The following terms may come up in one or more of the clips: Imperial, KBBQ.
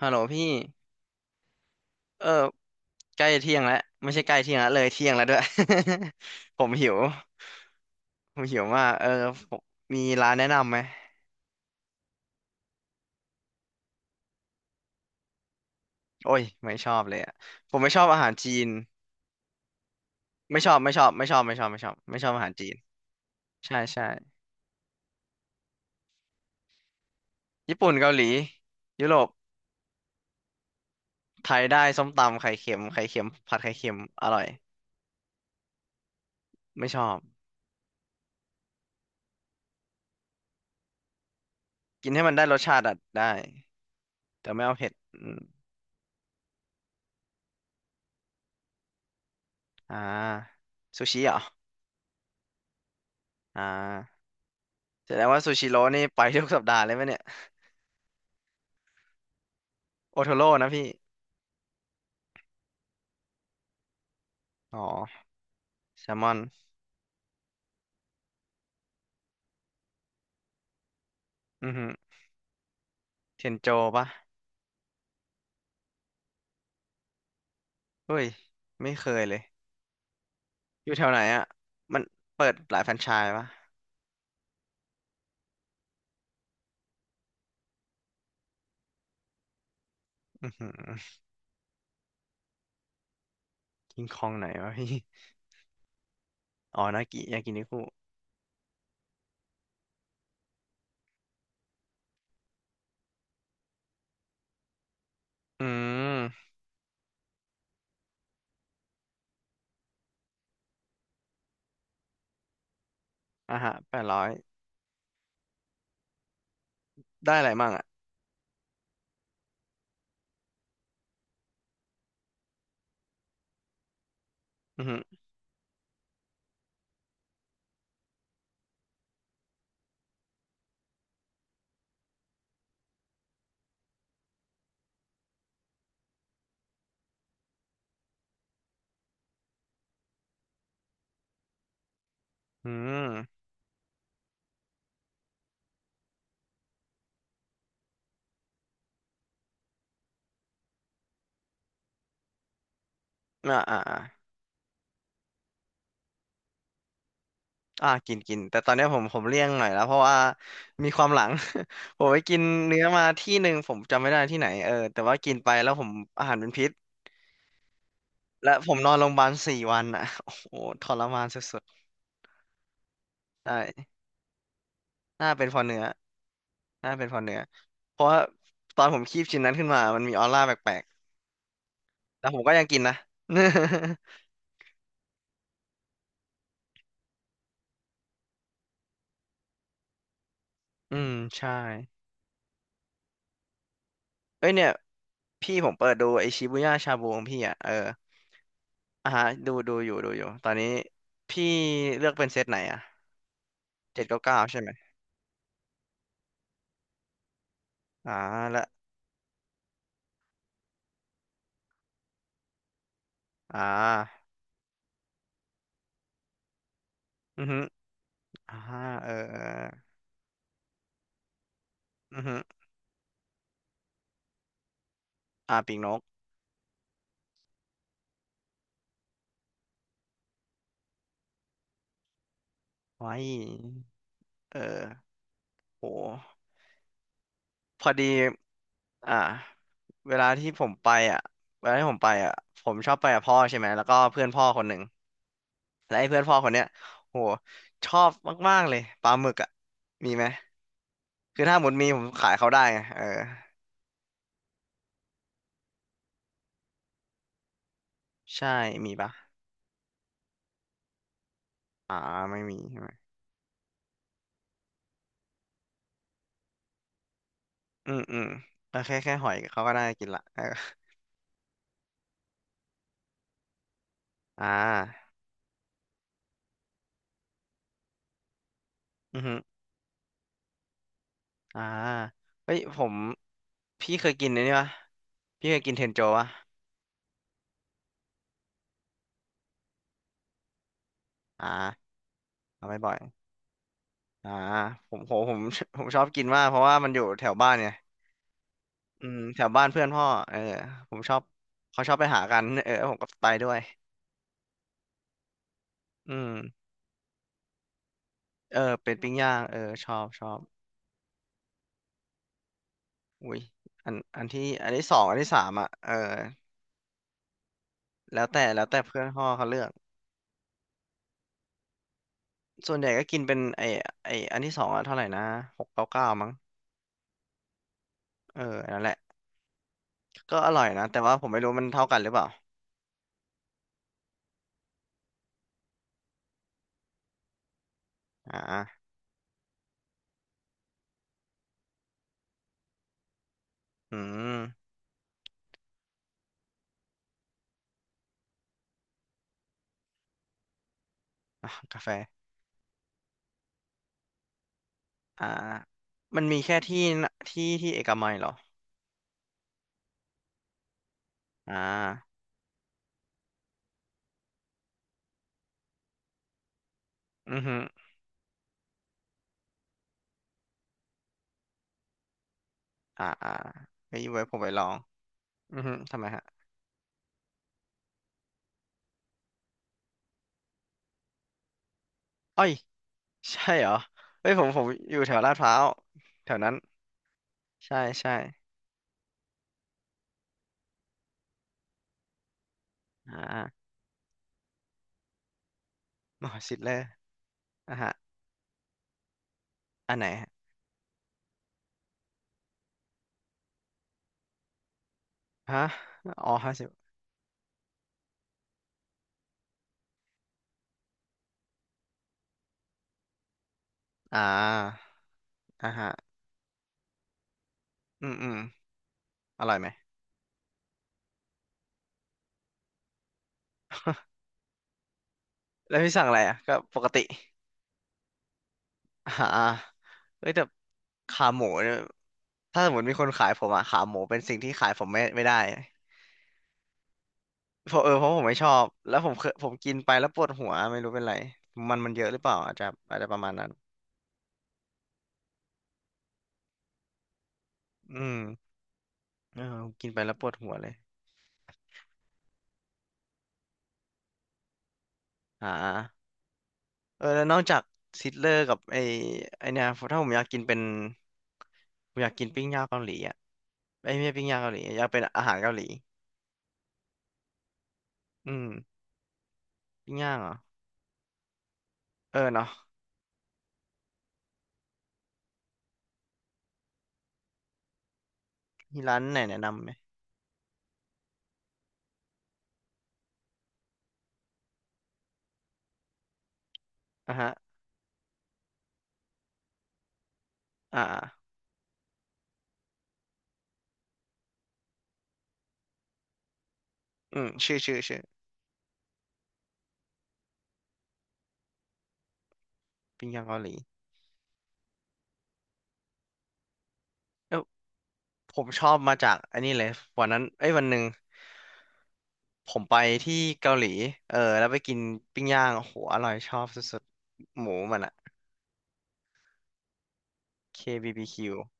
ฮัลโหลพี่เออใกล้เที่ยงแล้วไม่ใช่ใกล้เที่ยงแล้วเลยเที่ยงแล้วด้วย ผมหิวผมหิวมากเออผมมีร้านแนะนำไหมโอ้ยไม่ชอบเลยอะผมไม่ชอบอาหารจีนไม่ชอบไม่ชอบไม่ชอบไม่ชอบไม่ชอบไม่ชอบอาหารจีนใช่ใช่ญี่ปุ่นเกาหลียุโรปไทยได้ส้มตำไข่เค็มไข่เค็มผัดไข่เค็มอร่อยไม่ชอบกินให้มันได้รสชาติอะได้แต่ไม่เอาเผ็ดอืมอ่าซูชิเหรออ่า แสดงว่าซูชิโร่นี่ไปทุกสัปดาห์เลยไหมเนี่ย โอโทโร่นะพี่ อ๋อ แซลมอนอือหือเทนโจปะเฮ้ย ไม่เคยเลย อยู่แถวไหนอ่ะมันเปิดหลายแฟรนไชส์ปะอือหือกินคองไหนวะพี่ อ๋อนากิยากินิคุอืมอ่ะฮะ800ได้อะไรมั่งอ่ะอือหืออืมอ่าอ่าอ่าอ่ากินกินแต่ตอนเนี้ยผมเลี่ยงหน่อยแล้วเพราะว่ามีความหลัง ผมไปกินเนื้อมาที่หนึ่งผมจำไม่ได้ที่ไหนเออแต่ว่ากินไปแล้วผมอาหารเป็นพิษ และผมนอนโรงพยาบาล4 วันอ่ะ โอ้โหทรมานสุดๆได้น่าเป็นเพอเนื้อน่าเป็นเพอเนื้อเพราะว่าตอนผมคีบชิ้นนั้นขึ้นมามันมีออร่าแปลกๆแต่ผมก็ยังกินนะ อืมใช่เอ้ยเนี่ยพี่ผมเปิดดูไอชิบุย่าชาบูของพี่อ่ะเอออ่ะฮะดูอยู่ตอนนี้พี่เลือกเป็นเซตไหนอ่ะ799ใช่ไหมอ่าและอ่าอือฮึอ่าเออเอออือฮึอ่าปีกนกไว้เออโหพอดี อ่าเวลาที่ผมไปอ่ะเวลาที่ผมไปอ่ะผมชอบไปกับพ่อใช่ไหมแล้วก็เพื่อนพ่อคนหนึ่งและไอ้เพื่อนพ่อคนเนี้ยโหชอบมากๆเลยปลาหมึกอ่ะมีไหมคือถ้าหมดมีผมขายเขาได้ไงเออใช่มีปะอ่าไม่มีใช่ไหมอืมอืมเออแค่แค่หอยเขาก็ได้กินละเอออ่าอือฮึอ่าเฮ้ยผมพี่เคยกินอันนี้ปะพี่เคยกินเทนโจปะอ่าเอาไปบ่อยอ่าผมโหผม ผมชอบกินมากเพราะว่ามันอยู่แถวบ้านไง อืมแถวบ้านเพื่อนพ่อเออผมชอบเขาชอบไปหากัน เออผมก็ไปด้วยอืมเออเป็นปิ้งย่างเออชอบชอบ อุ้ยอันที่สองอันที่สามอ่ะเออแล้วแต่เพื่อนพ่อเขาเลือก ส่วนใหญ่ก็กินเป็นไอไออันที่สองอ่ะเท่าไหร่นะ699มั้งเออนั่นแหละ ก็อร่อยนะแต่ว่าผมไม่รู้มันเท่ากันหรือเปล่าอ่าอืมอ่ะกาแฟอ่ามันมีแค่ที่น่ะที่ที่เอกมัยเหรออ่าอือฮึอ่าอ่าไว้ไว้ผมไปลอง อือฮึทำไมฮะอ้อย ใช่เหรอเฮ้ยผมอยู่แถวลาดพร้าวแถวนั้นใช่ใช่อ่าหมอชิดเลยอ่ะฮะอันไหนฮะฮะอ๋อ50อ่าอ่ะฮะอืมอืมอร่อยไหม แล้วพี่สั่งอะไรอ่ะก็ปกติอ่าเฮ้ยแต่ขาหมูเนี่ยถ้าสมมติมีคนขายผมอะขาหมูเป็นสิ่งที่ขายผมไม่ได้เพราะเออเพราะผมไม่ชอบ แล้วผมเคยกินไปแล้วปวดหัวไม่รู้เป็นไร มันเยอะหรือเปล่าอาจจะอาจจะประมาณนั้นอืม เออกินไปแล้วปวดหัวเลยอ่าเออแล้วนอกจากซิตเลอร์กับไอไอเนี่ยถ้าผมอยากกินเป็นผมอยากกินปิ้งย่างเกาหลีอ่ะไอ้ยไม่ใช่ปิ้งย่างเกาหลีอยากเป็นอาหารเกาหลีอืมปิ้งย่างเหรอเออเนาะมีร้านไหนแนะนำไหมอ่ะฮะอ่าอืมชื่อปิ้งย่างเกาหลีเออผมชอบมาจากอันนี้เลยวันนั้นเอ้ยวันหนึ่งผมไปที่เกาหลีเออแล้วไปกินปิ้งย่างโอ้โหอร่อยชอบสุดๆหมูมันอะ KBBQ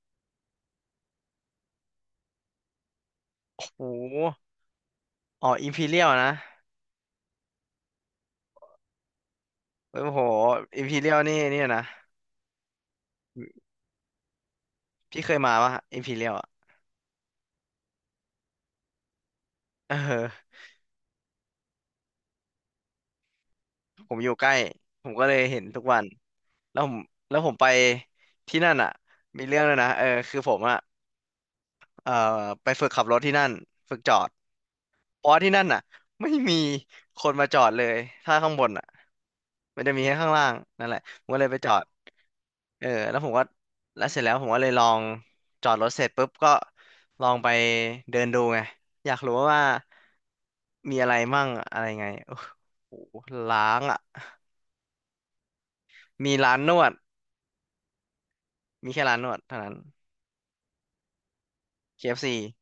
โอ้โห อ๋ออิมพีเรียลนะโอ้โหอิมพีเรียลนี่เนี่ยนะพี่เคยมาปะอิมพีเรียลอ่ะเออผมอยู่ใกล้ผมก็เลยเห็นทุกวันแล้วผมแล้วผมไปที่นั่นอ่ะมีเรื่องเลยนะเออคือผมอ่ะเออไปฝึกขับรถที่นั่นฝึกจอดเพราะว่าที่นั่นอ่ะไม่มีคนมาจอดเลยถ้าข้างบนอ่ะ มันจะมีแค่ข้างล่างนั่นแหละผมก็เลยไปจอดเออแล้วผมก็แล้วเสร็จแล้วผมก็เลยลองจอดรถเสร็จปุ๊บก็ลองไปเดินดูไงอยากรู้ว่ามีอะไรมั่งอะไรไงโอ้โหล้างอ่ะมีร้านนวดมีแค่ร้านนวดเท่านั้น KFC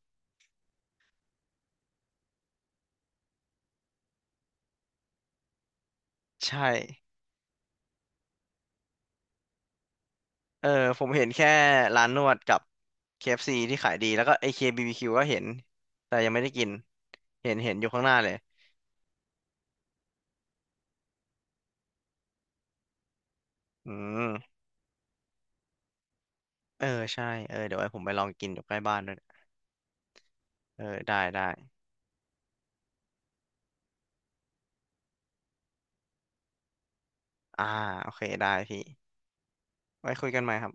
ใช่เออผมเห็นแค่ร้านนวดกับ KFC ที่ขายดีแล้วก็ AKBBQ ก็เห็นแต่ยังไม่ได้กินเห็นเห็นอยู่ข้างหน้าเลยอืม เออใช่เออเดี๋ยวไว้ผมไปลองกินอยู่ใกล้บ้านด้วยเออได้ได้อ่าโอเคได้พี่ไว้คุยกันใหม่ครับ